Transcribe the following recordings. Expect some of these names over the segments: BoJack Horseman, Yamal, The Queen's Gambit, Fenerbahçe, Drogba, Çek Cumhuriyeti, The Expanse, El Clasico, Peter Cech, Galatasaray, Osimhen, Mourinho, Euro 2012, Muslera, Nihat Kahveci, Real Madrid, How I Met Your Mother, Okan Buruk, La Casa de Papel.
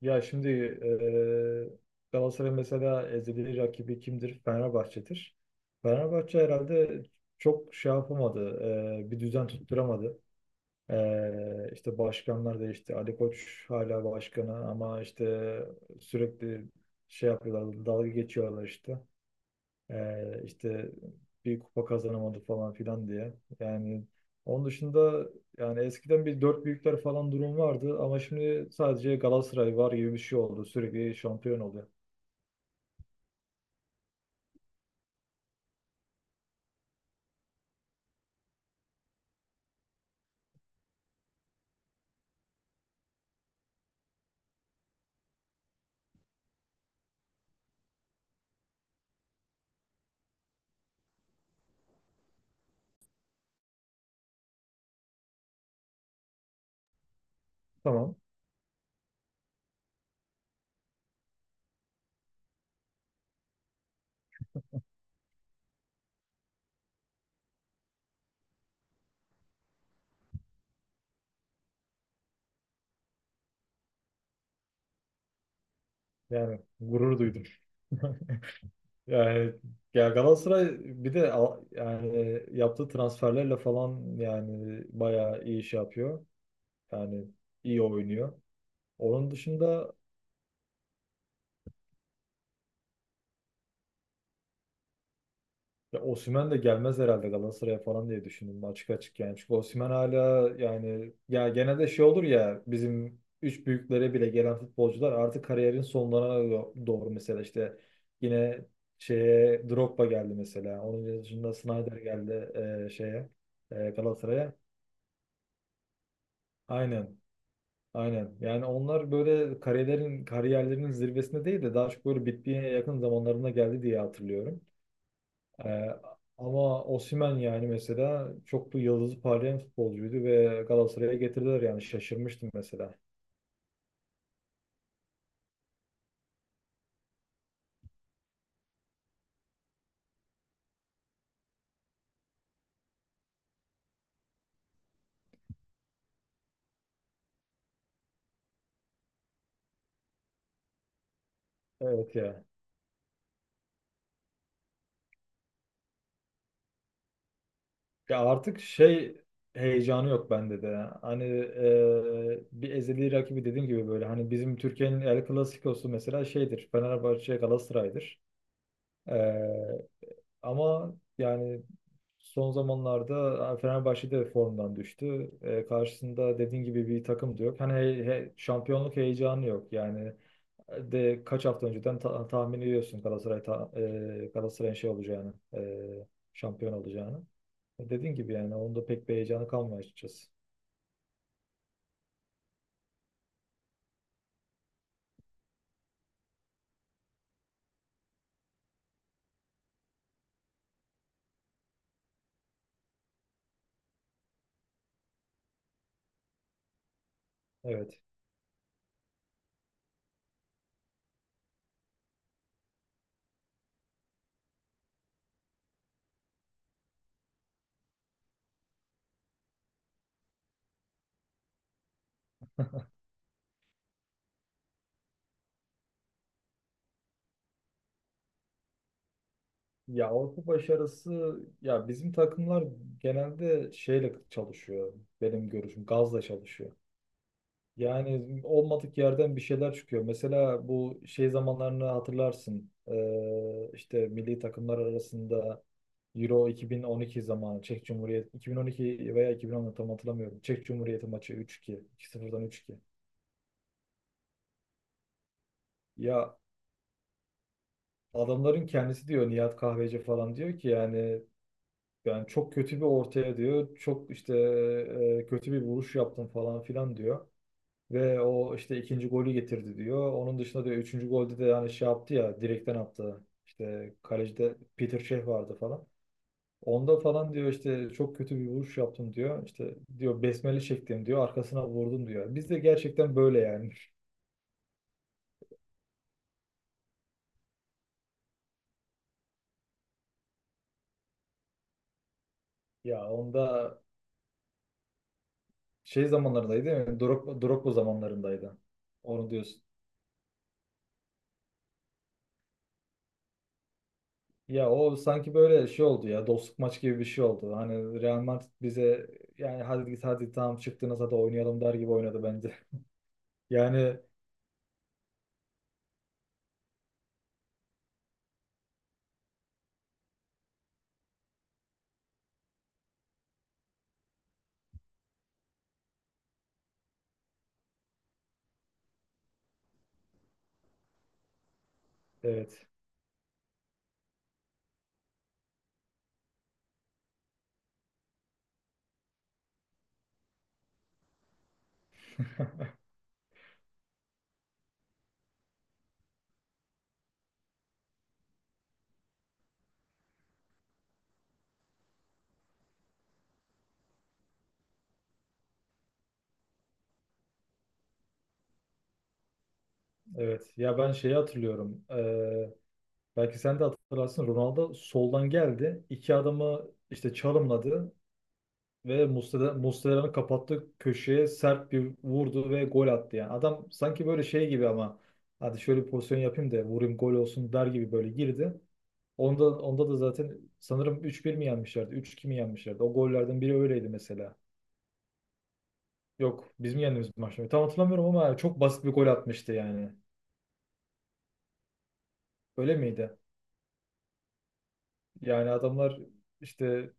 Ya şimdi eee Galatasaray mesela ezeli rakibi kimdir? Fenerbahçe'dir. Fenerbahçe herhalde çok şey yapamadı. Bir düzen tutturamadı. İşte başkanlar değişti. Ali Koç hala başkanı ama işte sürekli şey yapıyorlar. Dalga geçiyorlar işte. İşte bir kupa kazanamadı falan filan diye. Yani onun dışında yani eskiden bir dört büyükler falan durum vardı ama şimdi sadece Galatasaray var gibi bir şey oldu. Sürekli şampiyon oluyor. Tamam. Yani gurur duydum. Yani ya Galatasaray bir de yani yaptığı transferlerle falan yani bayağı iyi iş yapıyor. Yani iyi oynuyor. Onun dışında, ya Osimhen de gelmez herhalde Galatasaray'a falan diye düşündüm açık açık yani. Çünkü Osimhen hala yani ya genelde şey olur ya bizim üç büyüklere bile gelen futbolcular artık kariyerin sonlarına doğru mesela işte yine şeye Drogba geldi mesela. Onun dışında Snyder geldi, şeye, Galatasaray'a. Aynen. Aynen. Yani onlar böyle kariyerlerinin zirvesinde değil de daha çok böyle bitmeye yakın zamanlarına geldi diye hatırlıyorum. Ee, Ama Osimhen yani mesela çok da yıldızı parlayan futbolcuydu ve Galatasaray'a getirdiler yani şaşırmıştım mesela. Evet ya. Ya artık şey heyecanı yok bende de. Hani bir ezeli rakibi dediğim gibi böyle hani bizim Türkiye'nin El Clasico'su mesela şeydir. Fenerbahçe Galatasaray'dır. E, Ama yani son zamanlarda Fenerbahçe de formdan düştü. E, karşısında dediğin gibi bir takım da yok. Hani şampiyonluk heyecanı yok. Yani de kaç hafta önceden tahmin ediyorsun Galatasaray Galatasaray'ın şey olacağını, şampiyon olacağını. E, dediğin gibi yani onda pek bir heyecanı kalmıyor açıkçası. Evet. Ya Avrupa başarısı ya bizim takımlar genelde şeyle çalışıyor, benim görüşüm gazla çalışıyor. Yani olmadık yerden bir şeyler çıkıyor. Mesela bu şey zamanlarını hatırlarsın. İşte milli takımlar arasında Euro 2012 zamanı, Çek Cumhuriyeti 2012 veya 2010 tam hatırlamıyorum. Çek Cumhuriyeti maçı 3-2, 2-0'dan 3-2. Ya adamların kendisi diyor, Nihat Kahveci falan diyor ki yani, yani çok kötü bir ortaya diyor. Çok işte kötü bir vuruş yaptım falan filan diyor. Ve o işte ikinci golü getirdi diyor. Onun dışında diyor üçüncü golde de yani şey yaptı ya, direkten attı. İşte kalecide Peter Cech vardı falan. Onda falan diyor işte çok kötü bir vuruş yaptım diyor. İşte diyor besmele çektim diyor. Arkasına vurdum diyor. Biz de gerçekten böyle yani. Ya onda şey zamanlarındaydı değil mi? Drogba, Drogba zamanlarındaydı. Onu diyorsun. Ya o sanki böyle şey oldu ya, dostluk maç gibi bir şey oldu. Hani Real Madrid bize yani hadi git hadi tamam çıktınız hadi oynayalım der gibi oynadı bence. Yani evet, evet. Ya ben şeyi hatırlıyorum. Belki sen de hatırlarsın. Ronaldo soldan geldi. İki adamı işte çalımladı ve Muslera'nın kapattığı köşeye sert bir vurdu ve gol attı yani. Adam sanki böyle şey gibi, ama hadi şöyle bir pozisyon yapayım da vurayım gol olsun der gibi böyle girdi. Onda da zaten sanırım üç bir mi yenmişlerdi? Üç 2 mi yenmişlerdi? O gollerden biri öyleydi mesela. Yok, bizim yendiğimiz maçta. Tam hatırlamıyorum ama çok basit bir gol atmıştı yani. Öyle miydi? Yani adamlar işte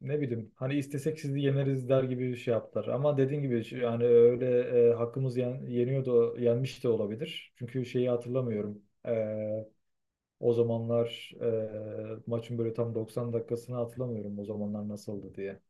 ne bileyim hani istesek sizi yeneriz der gibi bir şey yaptılar. Ama dediğin gibi yani öyle hakkımız yeniyor da yenmiş de olabilir. Çünkü şeyi hatırlamıyorum. O zamanlar maçın böyle tam 90 dakikasını hatırlamıyorum, o zamanlar nasıldı diye.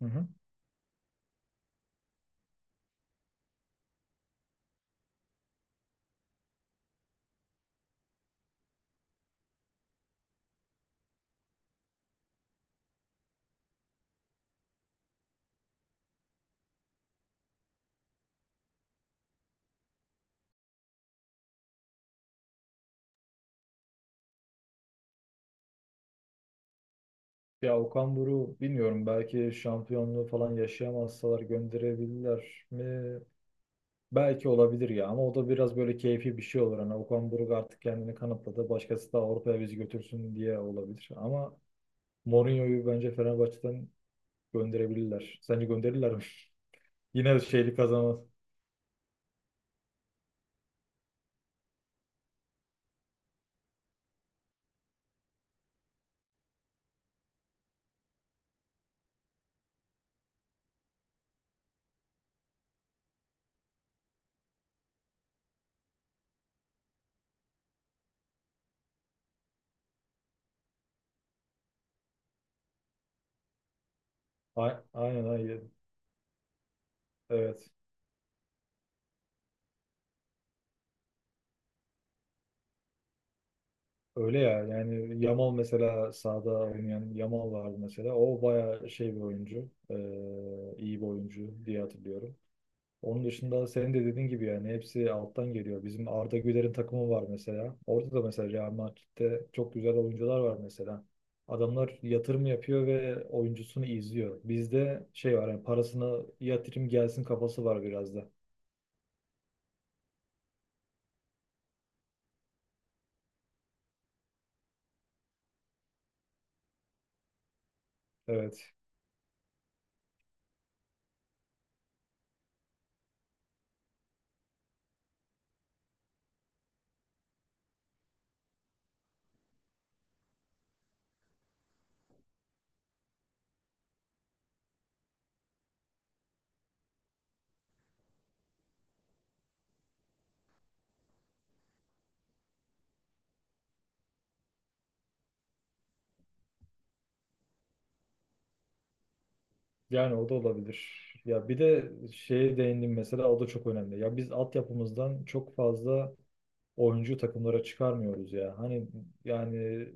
Hı hı. Ya Okan Buruk bilmiyorum, belki şampiyonluğu falan yaşayamazsalar gönderebilirler mi? Belki olabilir ya, ama o da biraz böyle keyfi bir şey olur. Hani Okan Buruk artık kendini kanıtladı. Başkası da Avrupa'ya bizi götürsün diye olabilir. Ama Mourinho'yu bence Fenerbahçe'den gönderebilirler. Sence gönderirler mi? Yine şeyli kazanmaz. Aynen aynen. Evet. Öyle ya. Yani Yamal mesela, sahada oynayan Yamal vardı mesela. O bayağı şey bir oyuncu. İyi bir oyuncu diye hatırlıyorum. Onun dışında senin de dediğin gibi yani hepsi alttan geliyor. Bizim Arda Güler'in takımı var mesela. Orada da mesela Real Madrid'de çok güzel oyuncular var mesela. Adamlar yatırım yapıyor ve oyuncusunu izliyor. Bizde şey var yani parasını yatırım gelsin kafası var biraz da. Evet. Yani o da olabilir. Ya bir de şeye değindim mesela, o da çok önemli. Ya biz altyapımızdan çok fazla oyuncu takımlara çıkarmıyoruz ya. Hani yani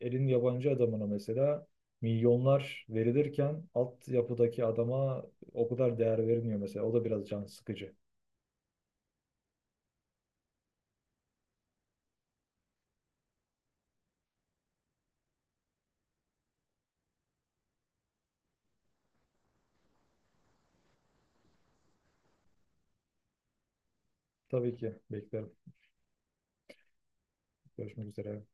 elin yabancı adamına mesela milyonlar verilirken altyapıdaki adama o kadar değer verilmiyor mesela. O da biraz can sıkıcı. Tabii ki beklerim. Görüşmek üzere.